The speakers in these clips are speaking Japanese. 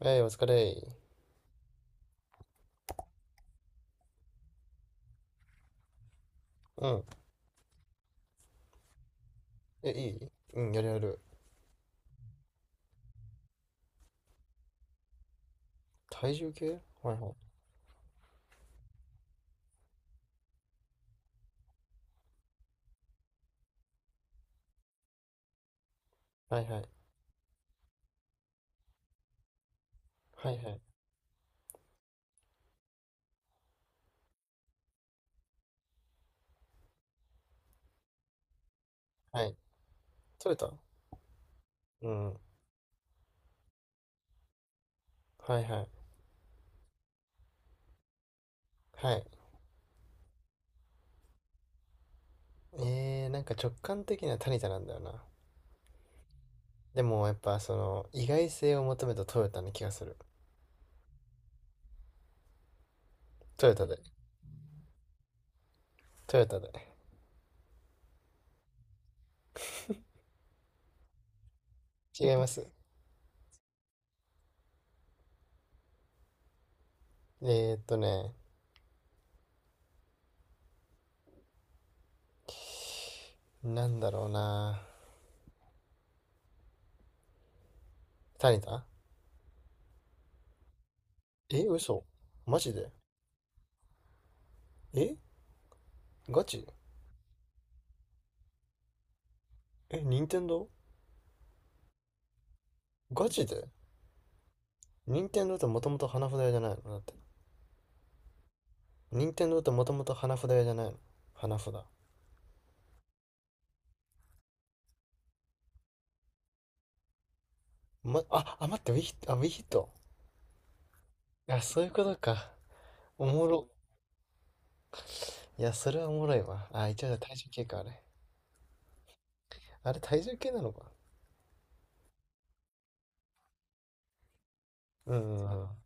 えい、お疲れ。うん。え、いいうん、やるやる。体重計、はいはい。はいはい。はいはい。はい。取れた？うん。はいはい。はい。なんか直感的にはタニタなんだよな。でもやっぱその意外性を求めたトヨタな気がする。トヨタで。トヨタで。違います。えーっとね、なんだろうな。タニタ？え、嘘、マジで？え、ガチ？え、任天堂？ガチで？任天堂ってもともと花札屋じゃないの、だって。任天堂ってもともと花札屋じゃないの？花札。待って、ウィヒット、ウィヒット。あ、そういうことか。おもろ。いや、それはおもろいわ。あ、一応体重計か、あれ。あれ体重計なのか。うんうんうん。は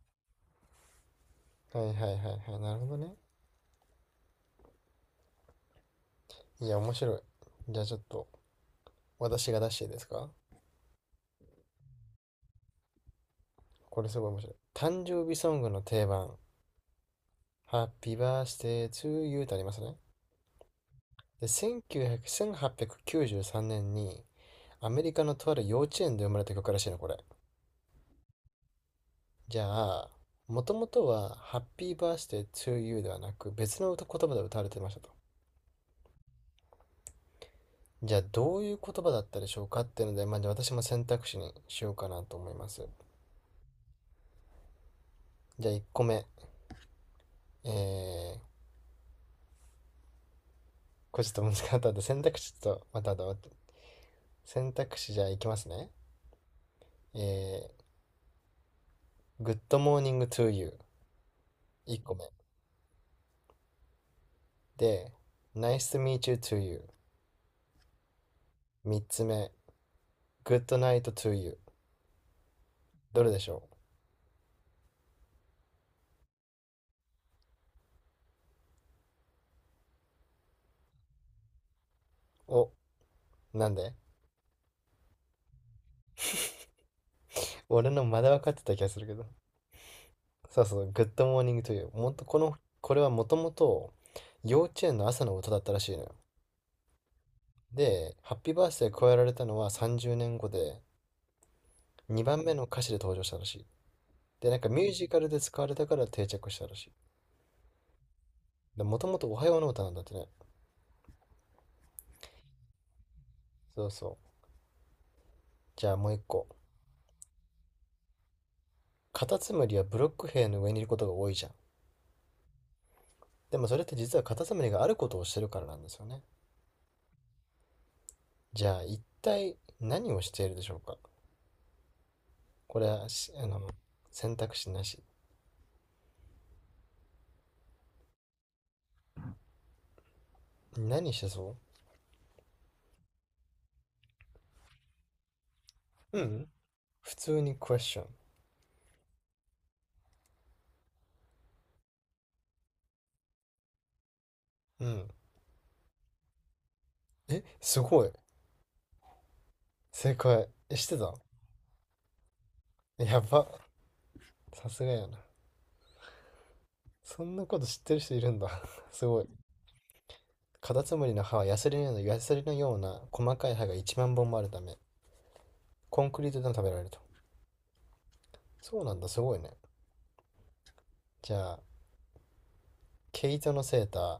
いはいはいはい。なるほどね。いや、面白い。じゃあちょっと、私が出していいですか？これすごい面白い。誕生日ソングの定番。Happy Birthday to You ってありますね。で、1900 1893年にアメリカのとある幼稚園で生まれた曲らしいの、これ。じゃあ、もともとは、ハッピーバースデー to you ではなく、別の歌言葉で歌われてましたと。じゃあ、どういう言葉だったでしょうかっていうので、まあ、じゃあ私も選択肢にしようかなと思います。じゃあ、1個目。えー、これちょっと難しかったんで、と、また後、選択肢じゃあいきますね。えー、Good morning to you。1個目。で、Nice to meet you to you。3つ目。Good night to you。どれでしょう？お、なんで？俺のまだ分かってた気がするけど。そうそう、グッドモーニングという、もっとこの、これはもともと幼稚園の朝の歌だったらしいのよ。で、ハッピーバースデー加えられたのは30年後で、2番目の歌詞で登場したらしい。で、なんかミュージカルで使われたから定着したらしい。で、もともとおはようの歌なんだってね。そうそう。じゃあもう一個。カタツムリはブロック塀の上にいることが多いじゃん。でもそれって実はカタツムリがあることをしてるからなんですよね。じゃあ一体何をしているでしょうか？これはし、あの、選択肢なし。何してそう？うん。普通にクエスチョン。うん。え、すごい。正解。え、してた？やば。さすがやな。そんなこと知ってる人いるんだ。すごい。カタツムリの歯はヤスリのような、ヤスリのような細かい歯が1万本もあるため、コンクリートでも食べられると。そうなんだ、すごいね。じゃあ、毛糸のセーター。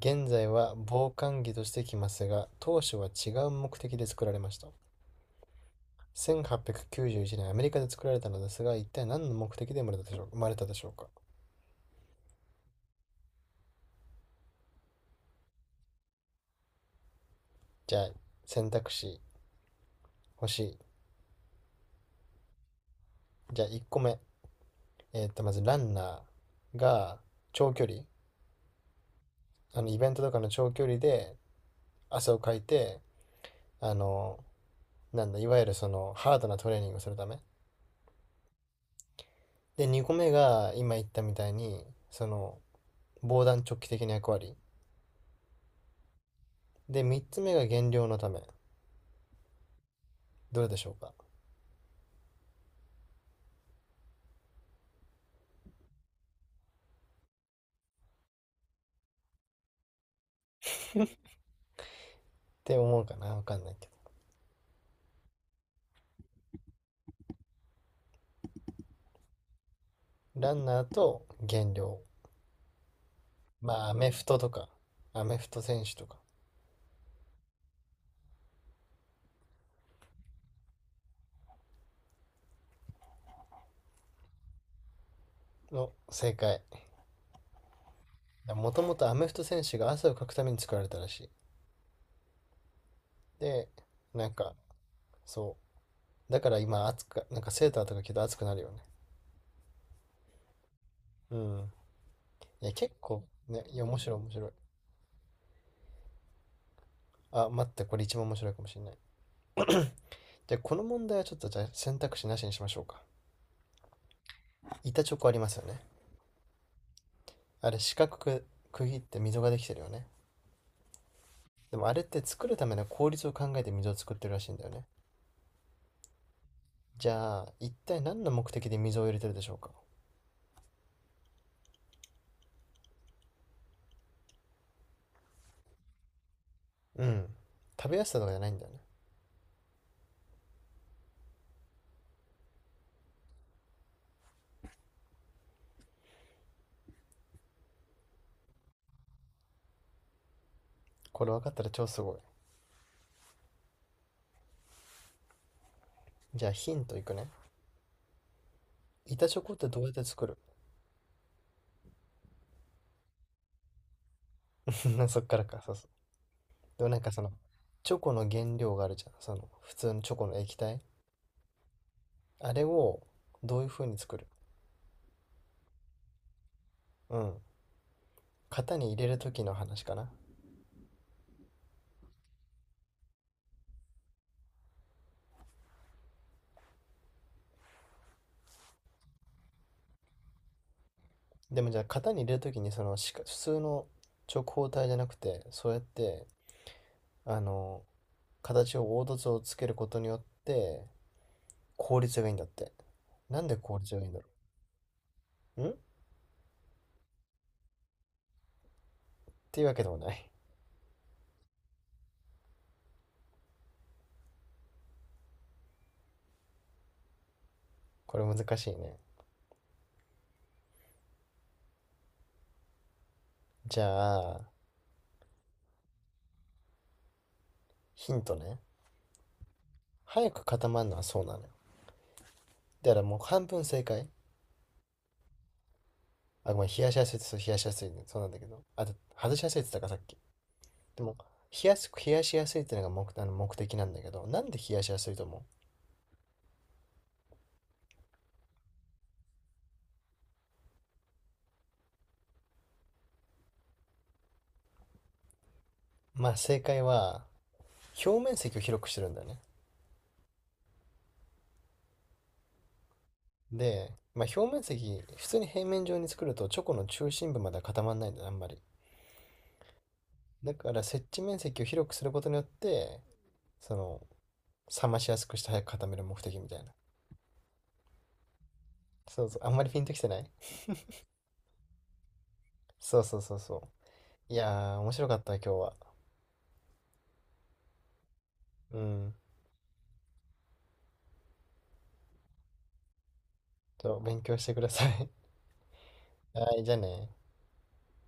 現在は防寒着としてきますが、当初は違う目的で作られました。1891年アメリカで作られたのですが、一体何の目的で生まれたでしょう生まれたでしょうか？じゃあ、選択肢欲しい。じゃあ、1個目。まず、ランナーが長距離、イベントとかの長距離で汗をかいて、あの、なんだ、いわゆるその、ハードなトレーニングをするため。で、2個目が、今言ったみたいに、その、防弾チョッキ的な役割。で、3つ目が減量のため。どれでしょうかって思うかなわかんないけど。ランナーと減量。まあ、アメフトとか、アメフト選手とかの正解。もともとアメフト選手が汗をかくために作られたらしい。で、なんか、そう。だから今暑く、なんかセーターとか着ると暑くなるよね。うん。いや、結構、ね、いや、面白い面白い。あ、待って、これ一番面白いかもしれない。じゃあ、この問題はちょっとじゃあ選択肢なしにしましょうか。板チョコありますよね。あれ、四角く区切って溝ができてるよね。でもあれって作るための効率を考えて溝を作ってるらしいんだよね。じゃあ、一体何の目的で溝を入れてるでしょうか？うん。食べやすさとかじゃないんだよね。これ分かったら超すごい。じゃあヒントいくね。板チョコってどうやって作る？ そっからか、そうそう。でもなんかその、チョコの原料があるじゃん。その、普通のチョコの液体。あれをどういう風に作る？うん。型に入れる時の話かな。でもじゃあ型に入れる時にその、しか普通の直方体じゃなくて、そうやって、あの、形を凹凸をつけることによって、効率がいいんだって。なんで効率がいいんだろう。んっていうわけでもない。これ難しいね。じゃあ、ヒントね。早く固まるのはそうなのよ。だからもう半分正解。あ、ごめん、冷やしやすいってそう、冷やしやすいね。そうなんだけど。あと、外しやすいって言ったか、さっき。でも、冷やしやすいってのが目、あの目的なんだけど、なんで冷やしやすいと思う？まあ、正解は、表面積を広くしてるんだよね。で、まあ、表面積、普通に平面上に作ると、チョコの中心部までは固まらないんだよね、あんまり。だから、接地面積を広くすることによって、その、冷ましやすくして早く固める目的みたいな。そうそう、あんまりピンときてない？そうそうそうそう。いやー、面白かった、今日は。うん。ちょっと勉強してください。はい、じゃあね。